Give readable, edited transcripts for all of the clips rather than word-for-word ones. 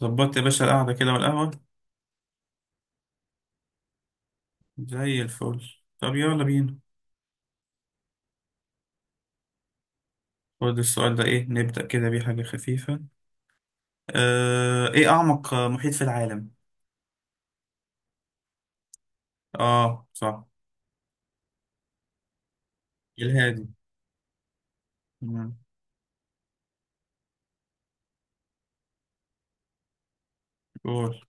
ظبطت يا باشا القعدة كده والقهوة زي الفل. طب يلا بينا. خد السؤال ده، ايه نبدأ كده بيه حاجة خفيفة. آه، ايه أعمق محيط في العالم؟ اه صح. الهادي. مم. قول.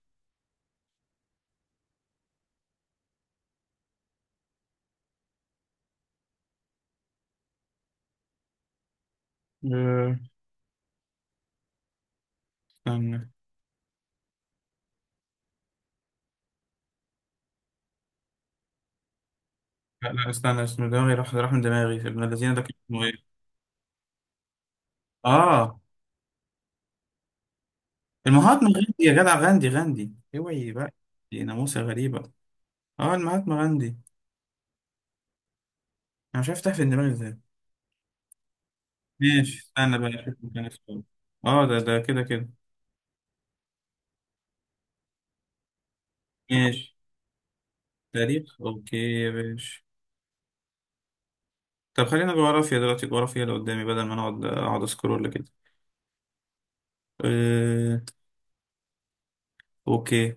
آه، استنى. لا لا استنى، اسمه دماغي راح من دماغي، ابن الذين ده كان اسمه ايه؟ اه المهاتما غاندي يا جدع، غاندي غاندي اوعي بقى. دي ناموسة غريبة. اه المهاتما غاندي. انا مش عارف تحت دماغي ازاي. ماشي استنى بقى اشوف مكان السؤال. اه ده ده كده كده. ماشي تاريخ اوكي يا باشا. طب خلينا جغرافيا دلوقتي، جغرافيا اللي قدامي بدل ما نقعد اقعد اسكرول كده. أه... اوكي.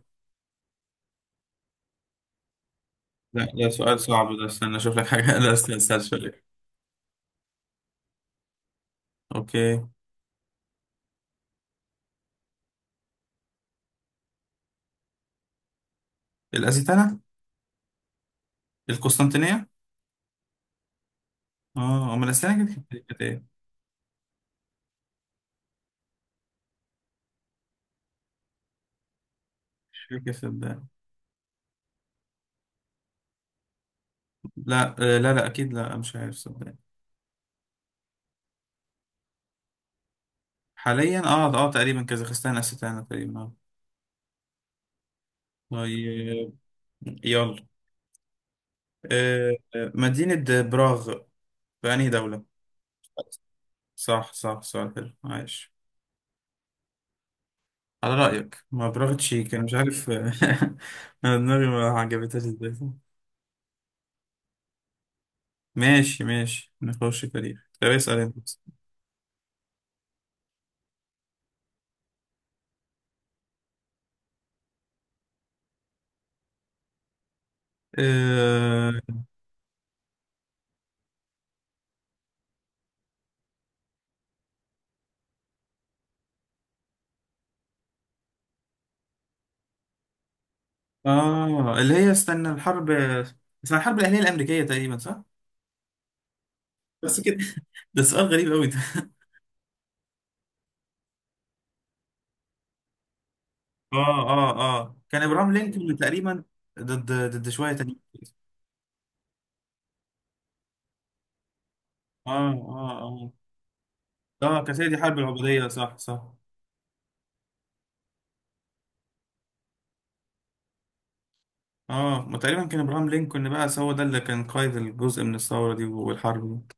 لا ده سؤال صعب ده، استنى اشوف لك حاجه لا استنى، استنى شوية. اوكي. الأزيتنة. القسطنطينية. اه امال الاسلام كانت إيه؟ كانت ايه؟ مش فاكر صدقني. لا. لا لا اكيد، لا مش عارف صدقني. حاليا اه اه تقريبا كازاخستان، أستانا تقريبا اه. طيب. يلا. أه... آه، مدينة براغ في انهي دولة؟ صح صح، سؤال حلو عايش. على رأيك ما برافيتش كان مش عارف انا دماغي ما عجبتهاش ازاي. ماشي ماشي، نخش تاريخ، طب اسأل انت. آه... اه اللي هي استنى، الحرب اسمها الحرب الأهلية الأمريكية تقريبا صح؟ بس كده. ده سؤال غريب قوي ده اه اه اه، كان ابراهام لينكولن تقريبا. ضد شوية تانيين. اه اه اه اه، كانت هي دي حرب العبودية، صح صح. اه، ما تقريبا كان ابراهام لينكولن بقى هو ده اللي كان قائد الجزء من الثورة دي والحرب دي.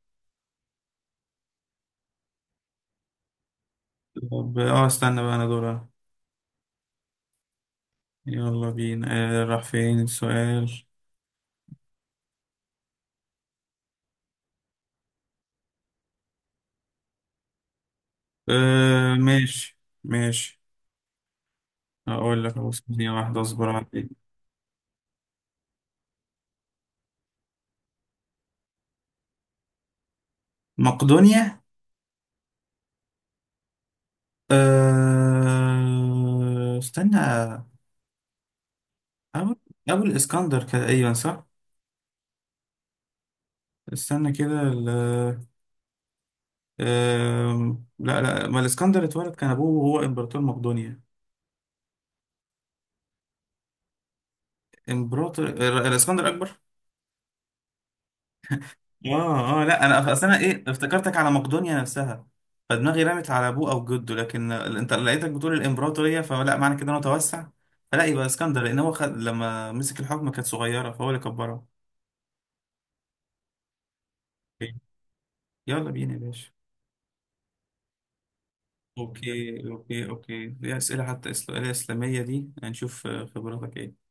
طب اه استنى بقى انا دورها. يلا بينا. آه راح فين السؤال. آه ماشي ماشي، هقول لك خلاص، ثانية واحدة اصبر عليك. مقدونيا. آه استنى، أبو، أبو الإسكندر كده، أيوة صح. استنى كده ال، آه لا لا، ما الإسكندر اتولد كان أبوه وهو إمبراطور مقدونيا. إمبراطور الإسكندر أكبر. اه اه لا انا اصل انا ايه، افتكرتك على مقدونيا نفسها، فدماغي رمت على ابوه او جده، لكن انت لقيتك بتقول الامبراطوريه، فلا معنى كده انه توسع، فلا يبقى اسكندر لان هو خد لما مسك الحكم كانت صغيره فهو اللي كبرها. أوكي. يلا بينا يا باشا. اوكي اوكي اوكي، دي اسئله حتى، اسئله اسلاميه دي، هنشوف خبراتك ايه.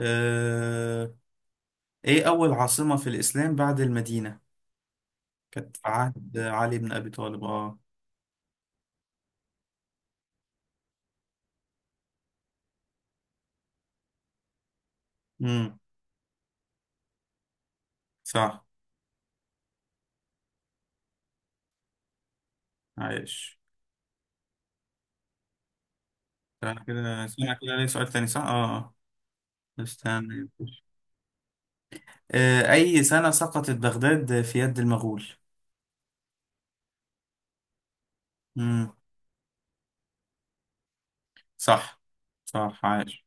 آه... ايه اول عاصمه في الاسلام بعد المدينه؟ كانت في عهد علي بن ابي طالب اه. امم صح عايش. تعالى كده اسمع كده، ليه سؤال تاني صح؟ اه استنى. أي سنة سقطت بغداد في يد المغول؟ مم. صح صح عاش.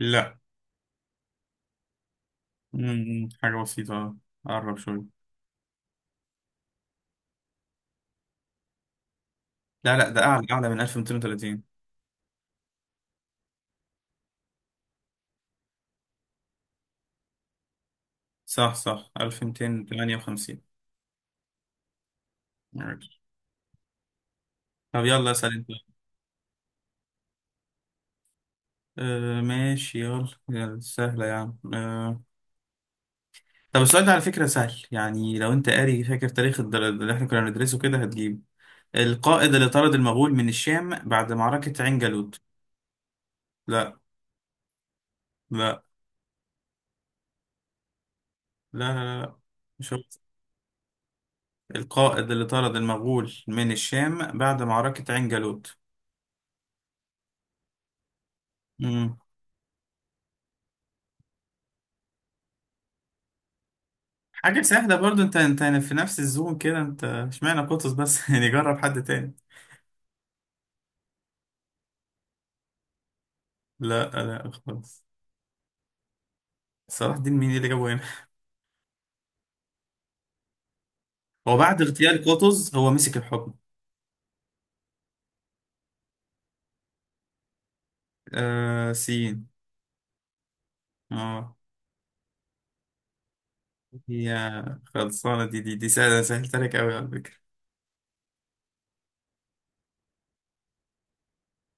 لا. حاجة بسيطة قرب شوية. لا لا ده أعلى، أعلى من 1230. صح صح 1258. ماشي. طب يلا اسأل أنت. آه ماشي، يلا يلا، سهلة يا عم آه. طب السؤال ده على فكرة سهل، يعني لو انت قاري فاكر تاريخ الدر- اللي احنا كنا بندرسه كده هتجيبه. القائد اللي طرد المغول من الشام بعد معركة عين جالوت. لا لا لا لا لا، مش هو. القائد اللي طرد المغول من الشام بعد معركة عين جالوت. مم. حاجة سهلة برضو، انت انت يعني في نفس الزون كده، انت اشمعنى قطز بس يعني جرب حد تاني. لا لا خالص. صلاح الدين مين اللي جابه هنا؟ هو بعد اغتيال قطز هو مسك الحكم. آه سين. اه. هي خلصانة دي دي دي سهلة، أنا سهلت عليك أوي على فكرة.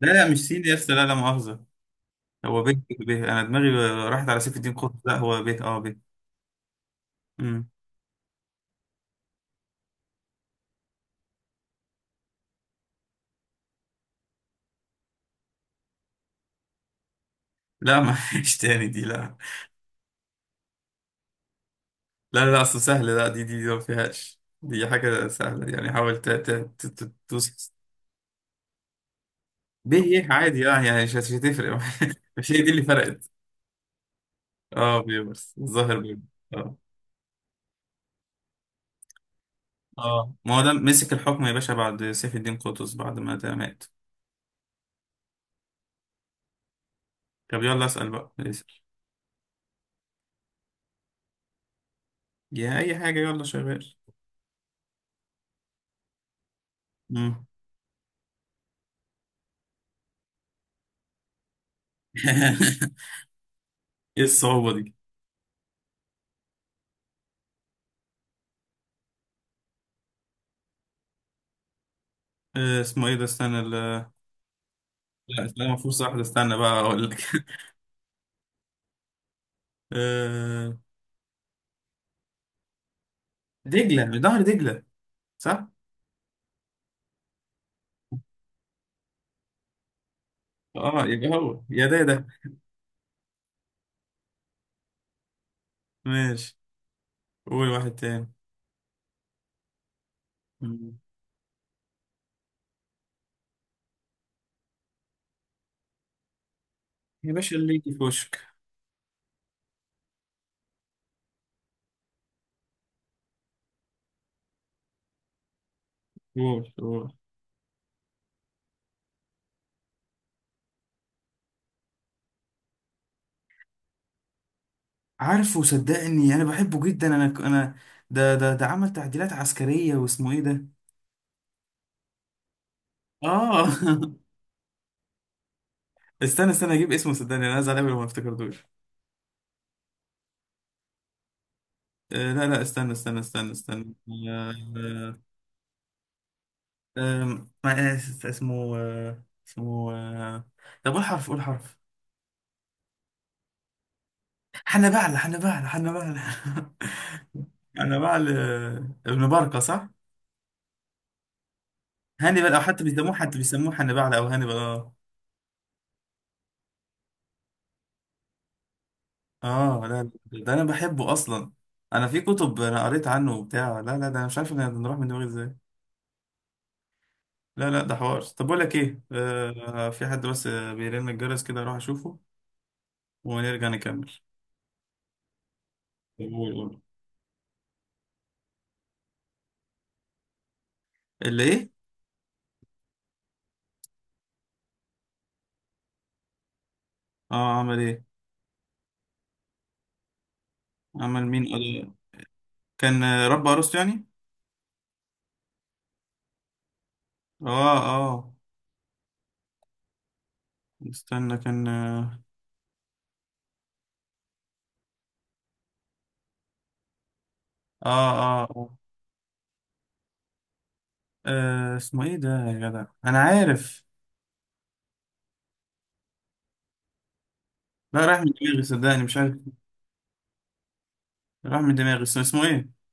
لا لا مش سين يا أسطى، لا لا مؤاخذة. هو به به، أنا دماغي راحت على سيف الدين قطب، لا هو به أه به. أمم. لا معلش تاني دي لا. لا لا أصل سهلة، لا دي دي ما فيهاش، دي حاجة سهلة يعني، حاول توصل. به يه عادي أه، يعني مش مش هتفرق. مش هي دي اللي فرقت. أه بيبرس الظاهر بيبرس. أه أه، ما هو ده مسك الحكم يا باشا بعد سيف الدين قطز، بعد ما ده مات. طب يلا اسأل بقى. يا اي حاجه، يلا شغال. مم. ايه الصعوبه دي؟ آه اسمه ايه ده، استنى ال-، لا استنى المفروض صح ده، استنى بقى اقول لك. آه، دجله، ظهر دجله. صح. اه يبقى هو يا ده يا ده. ماشي. قول واحد تاني. مم. يا باشا اللي يجي في وشك. قول قول. عارفه صدقني، انا بحبه جدا، انا انا ده ده ده عمل تعديلات عسكريه، واسمه ايه ده. اه استنى استنى اجيب اسمه، صدقني انا زعلان لما افتكرتوش. لا لا استنى استنى استنى استنى. آه، آه، آه، اسمه اسمه طب قول حرف، قول حرف. حنبعل حنبعل حنبعل حنبعل ابن بركة صح؟ هانيبال، او حتى بيسموه، حتى بيسموه حنبعل او هانيبال اه. اه لا لا، ده انا بحبه اصلا. انا في كتب، انا قريت عنه وبتاع، لا لا ده انا مش عارف ان نروح من دماغي ازاي. لا لا ده حوار. طب بقول لك ايه، آه في حد بس بيرن الجرس كده اروح اشوفه ونرجع نكمل. قول قول. اللي ايه؟ اه عمل ايه؟ عمل مين قال؟ كان رب عروسته يعني. اه اه استنى كان اه. اه اه, آه اسمه ايه ده يا جدع، انا عارف. لا راح من دماغي صدقني، مش عارف. راح من دماغي اسمه، اسمه ايه؟